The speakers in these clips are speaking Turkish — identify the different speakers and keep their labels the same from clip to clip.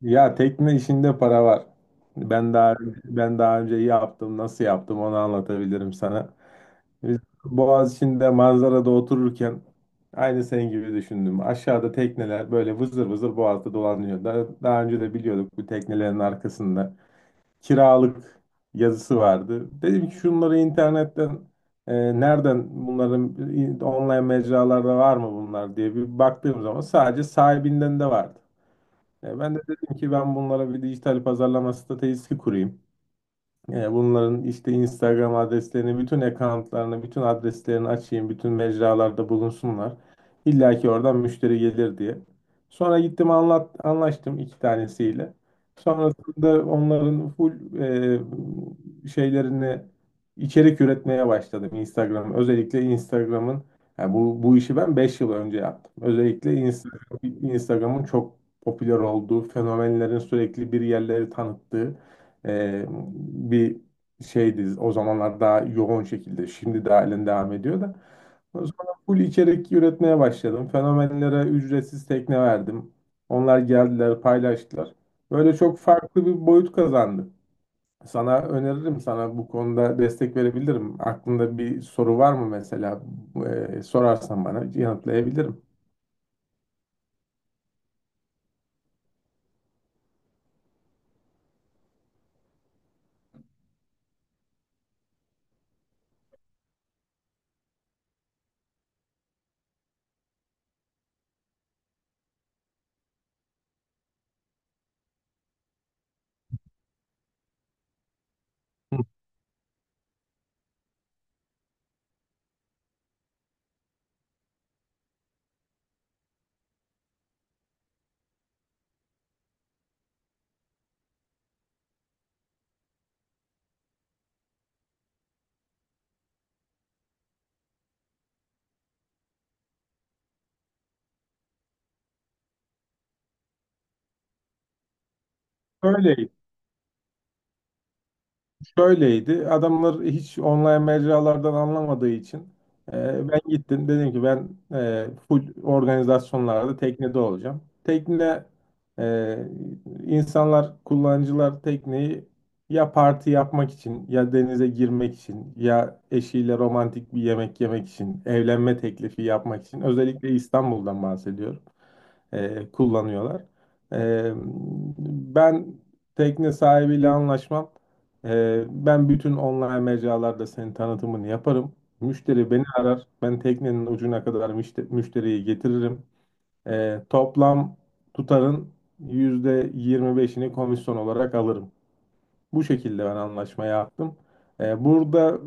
Speaker 1: Ya tekne işinde para var. Ben daha ben daha önce yaptım, nasıl yaptım onu anlatabilirim sana. Biz Boğaziçi'nde manzarada otururken aynı senin gibi düşündüm. Aşağıda tekneler böyle vızır vızır boğazda dolanıyor. Daha önce de biliyorduk bu teknelerin arkasında kiralık yazısı vardı. Dedim ki şunları internetten nereden bunların online mecralarda var mı bunlar diye bir baktığım zaman sadece sahibinden de vardı. Ben de dedim ki ben bunlara bir dijital pazarlama stratejisi kurayım. Yani bunların işte Instagram adreslerini, bütün accountlarını, bütün adreslerini açayım, bütün mecralarda bulunsunlar. İlla ki oradan müşteri gelir diye. Sonra gittim anlaştım iki tanesiyle. Sonrasında onların full şeylerini içerik üretmeye başladım Instagram. Özellikle Instagram'ın yani bu işi ben 5 yıl önce yaptım. Özellikle Instagram'ın çok popüler olduğu, fenomenlerin sürekli bir yerleri tanıttığı e, bir şeydi o zamanlar, daha yoğun şekilde şimdi de halen devam ediyor da sonra full içerik üretmeye başladım, fenomenlere ücretsiz tekne verdim, onlar geldiler paylaştılar, böyle çok farklı bir boyut kazandı. Sana öneririm, sana bu konuda destek verebilirim. Aklında bir soru var mı mesela? Sorarsan bana yanıtlayabilirim. Öyle. Şöyleydi. Adamlar hiç online mecralardan anlamadığı için ben gittim. Dedim ki ben full organizasyonlarda teknede olacağım. Tekne, e, insanlar, kullanıcılar tekneyi ya parti yapmak için, ya denize girmek için, ya eşiyle romantik bir yemek yemek için, evlenme teklifi yapmak için, özellikle İstanbul'dan bahsediyorum, kullanıyorlar. E, Ben tekne sahibiyle anlaşmam. Ben bütün online mecralarda senin tanıtımını yaparım. Müşteri beni arar. Ben teknenin ucuna kadar müşteriyi getiririm. Toplam tutarın %25'ini komisyon olarak alırım. Bu şekilde ben anlaşma yaptım. Burada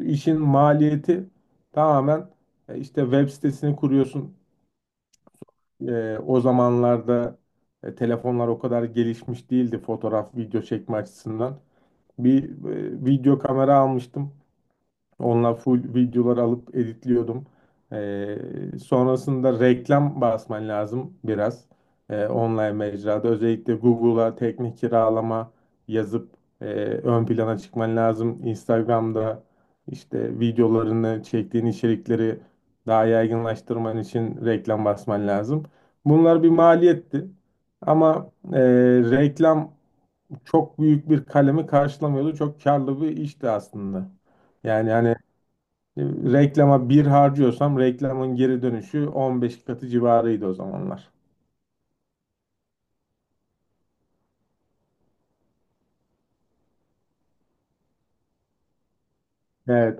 Speaker 1: işin maliyeti tamamen, işte web sitesini kuruyorsun. O zamanlarda telefonlar o kadar gelişmiş değildi fotoğraf, video çekme açısından. Bir video kamera almıştım. Onlar full videolar alıp editliyordum. Sonrasında reklam basman lazım biraz. Online mecrada özellikle Google'a teknik kiralama yazıp ön plana çıkman lazım. Instagram'da işte videolarını çektiğin içerikleri daha yaygınlaştırman için reklam basman lazım. Bunlar bir maliyetti. Ama reklam çok büyük bir kalemi karşılamıyordu. Çok karlı bir işti aslında. Yani hani reklama bir harcıyorsam reklamın geri dönüşü 15 katı civarıydı o zamanlar. Evet.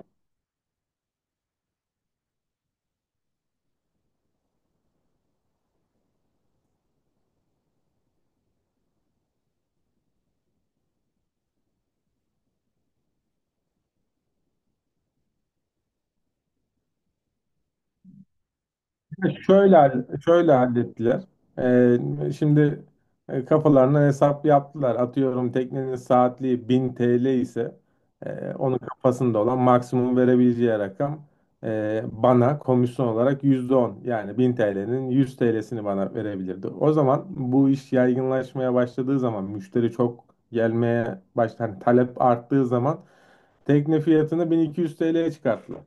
Speaker 1: Şöyle hallettiler. Ee, Şimdi kafalarına hesap yaptılar. Atıyorum teknenin saatliği 1000 TL ise e, onun kafasında olan maksimum verebileceği rakam, bana komisyon olarak %10, yani 1000 TL'nin 100 TL'sini bana verebilirdi. O zaman bu iş yaygınlaşmaya başladığı zaman müşteri çok gelmeye başlar, talep arttığı zaman tekne fiyatını 1200 TL'ye çıkarttılar.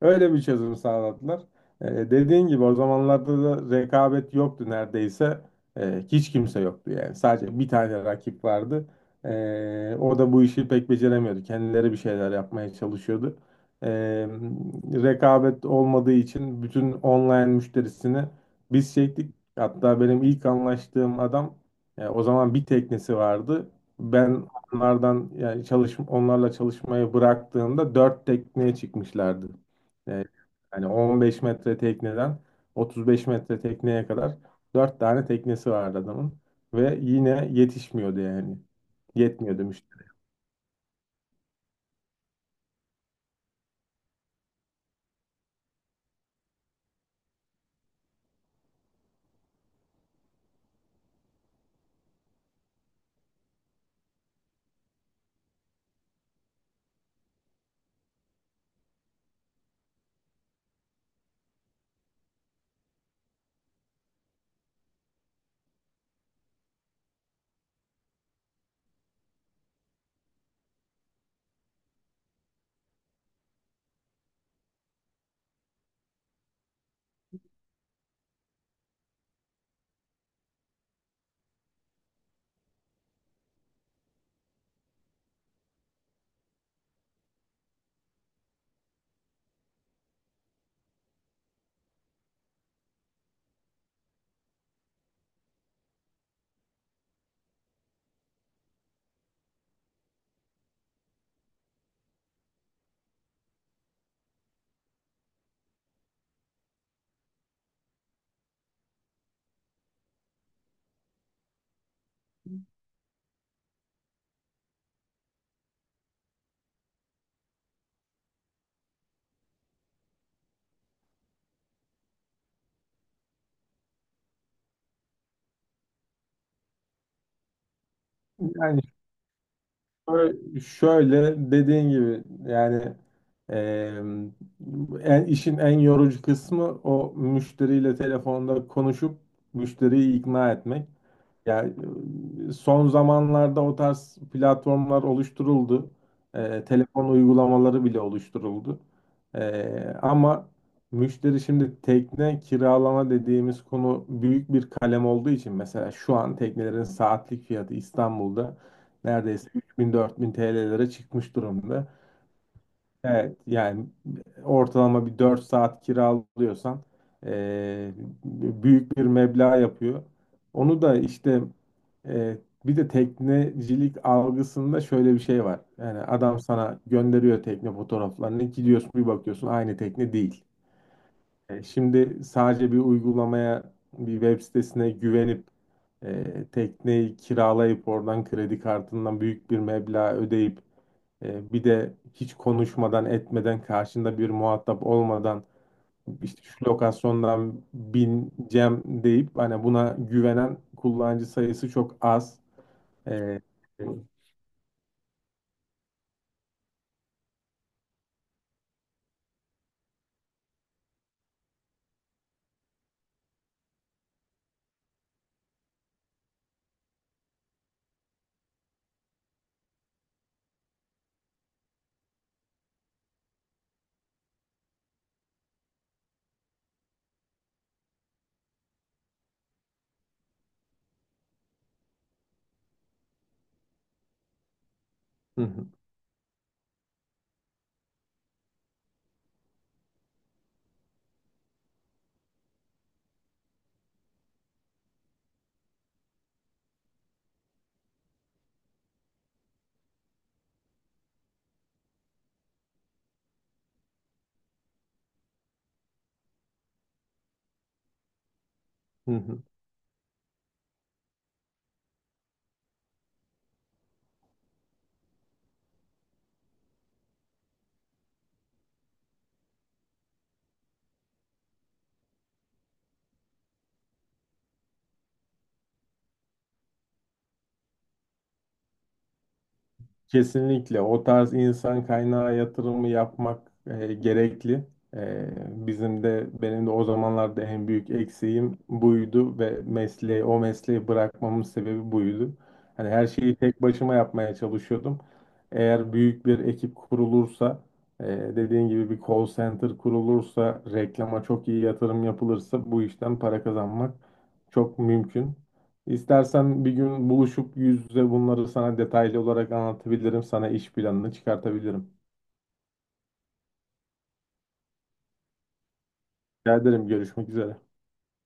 Speaker 1: Öyle bir çözüm sağladılar. Dediğin gibi o zamanlarda da rekabet yoktu neredeyse. Hiç kimse yoktu yani. Sadece bir tane rakip vardı. O da bu işi pek beceremiyordu. Kendileri bir şeyler yapmaya çalışıyordu. Ee, Rekabet olmadığı için bütün online müşterisini biz çektik. Hatta benim ilk anlaştığım adam o zaman bir teknesi vardı. Ben onlardan, yani onlarla çalışmayı bıraktığımda dört tekneye çıkmışlardı. E, Hani 15 metre tekneden 35 metre tekneye kadar 4 tane teknesi vardı adamın. Ve yine yetişmiyordu yani. Yetmiyordu müşteri. Yani şöyle, şöyle dediğin gibi, yani, e, işin en yorucu kısmı o müşteriyle telefonda konuşup müşteriyi ikna etmek. Ya, son zamanlarda o tarz platformlar oluşturuldu. Telefon uygulamaları bile oluşturuldu. Ama müşteri, şimdi tekne kiralama dediğimiz konu büyük bir kalem olduğu için, mesela şu an teknelerin saatlik fiyatı İstanbul'da neredeyse 3000-4000 TL'lere çıkmış durumda. Evet yani ortalama bir 4 saat kiralıyorsan eee, büyük bir meblağ yapıyor. Onu da işte, eee, bir de teknecilik algısında şöyle bir şey var. Yani adam sana gönderiyor tekne fotoğraflarını, gidiyorsun bir bakıyorsun aynı tekne değil. Şimdi sadece bir uygulamaya, bir web sitesine güvenip tekneyi kiralayıp oradan kredi kartından büyük bir meblağ ödeyip, bir de hiç konuşmadan etmeden, karşında bir muhatap olmadan, işte şu lokasyondan bineceğim deyip, hani buna güvenen kullanıcı sayısı çok az. E, Hı hı, hı hı. Kesinlikle o tarz insan kaynağı yatırımı yapmak gerekli. E, Bizim de, benim de o zamanlarda en büyük eksiğim buydu ve o mesleği bırakmamın sebebi buydu. Hani her şeyi tek başıma yapmaya çalışıyordum. Eğer büyük bir ekip kurulursa, e, dediğin gibi bir call center kurulursa, reklama çok iyi yatırım yapılırsa, bu işten para kazanmak çok mümkün. İstersen bir gün buluşup yüz yüze bunları sana detaylı olarak anlatabilirim. Sana iş planını çıkartabilirim. Rica ederim. Görüşmek üzere.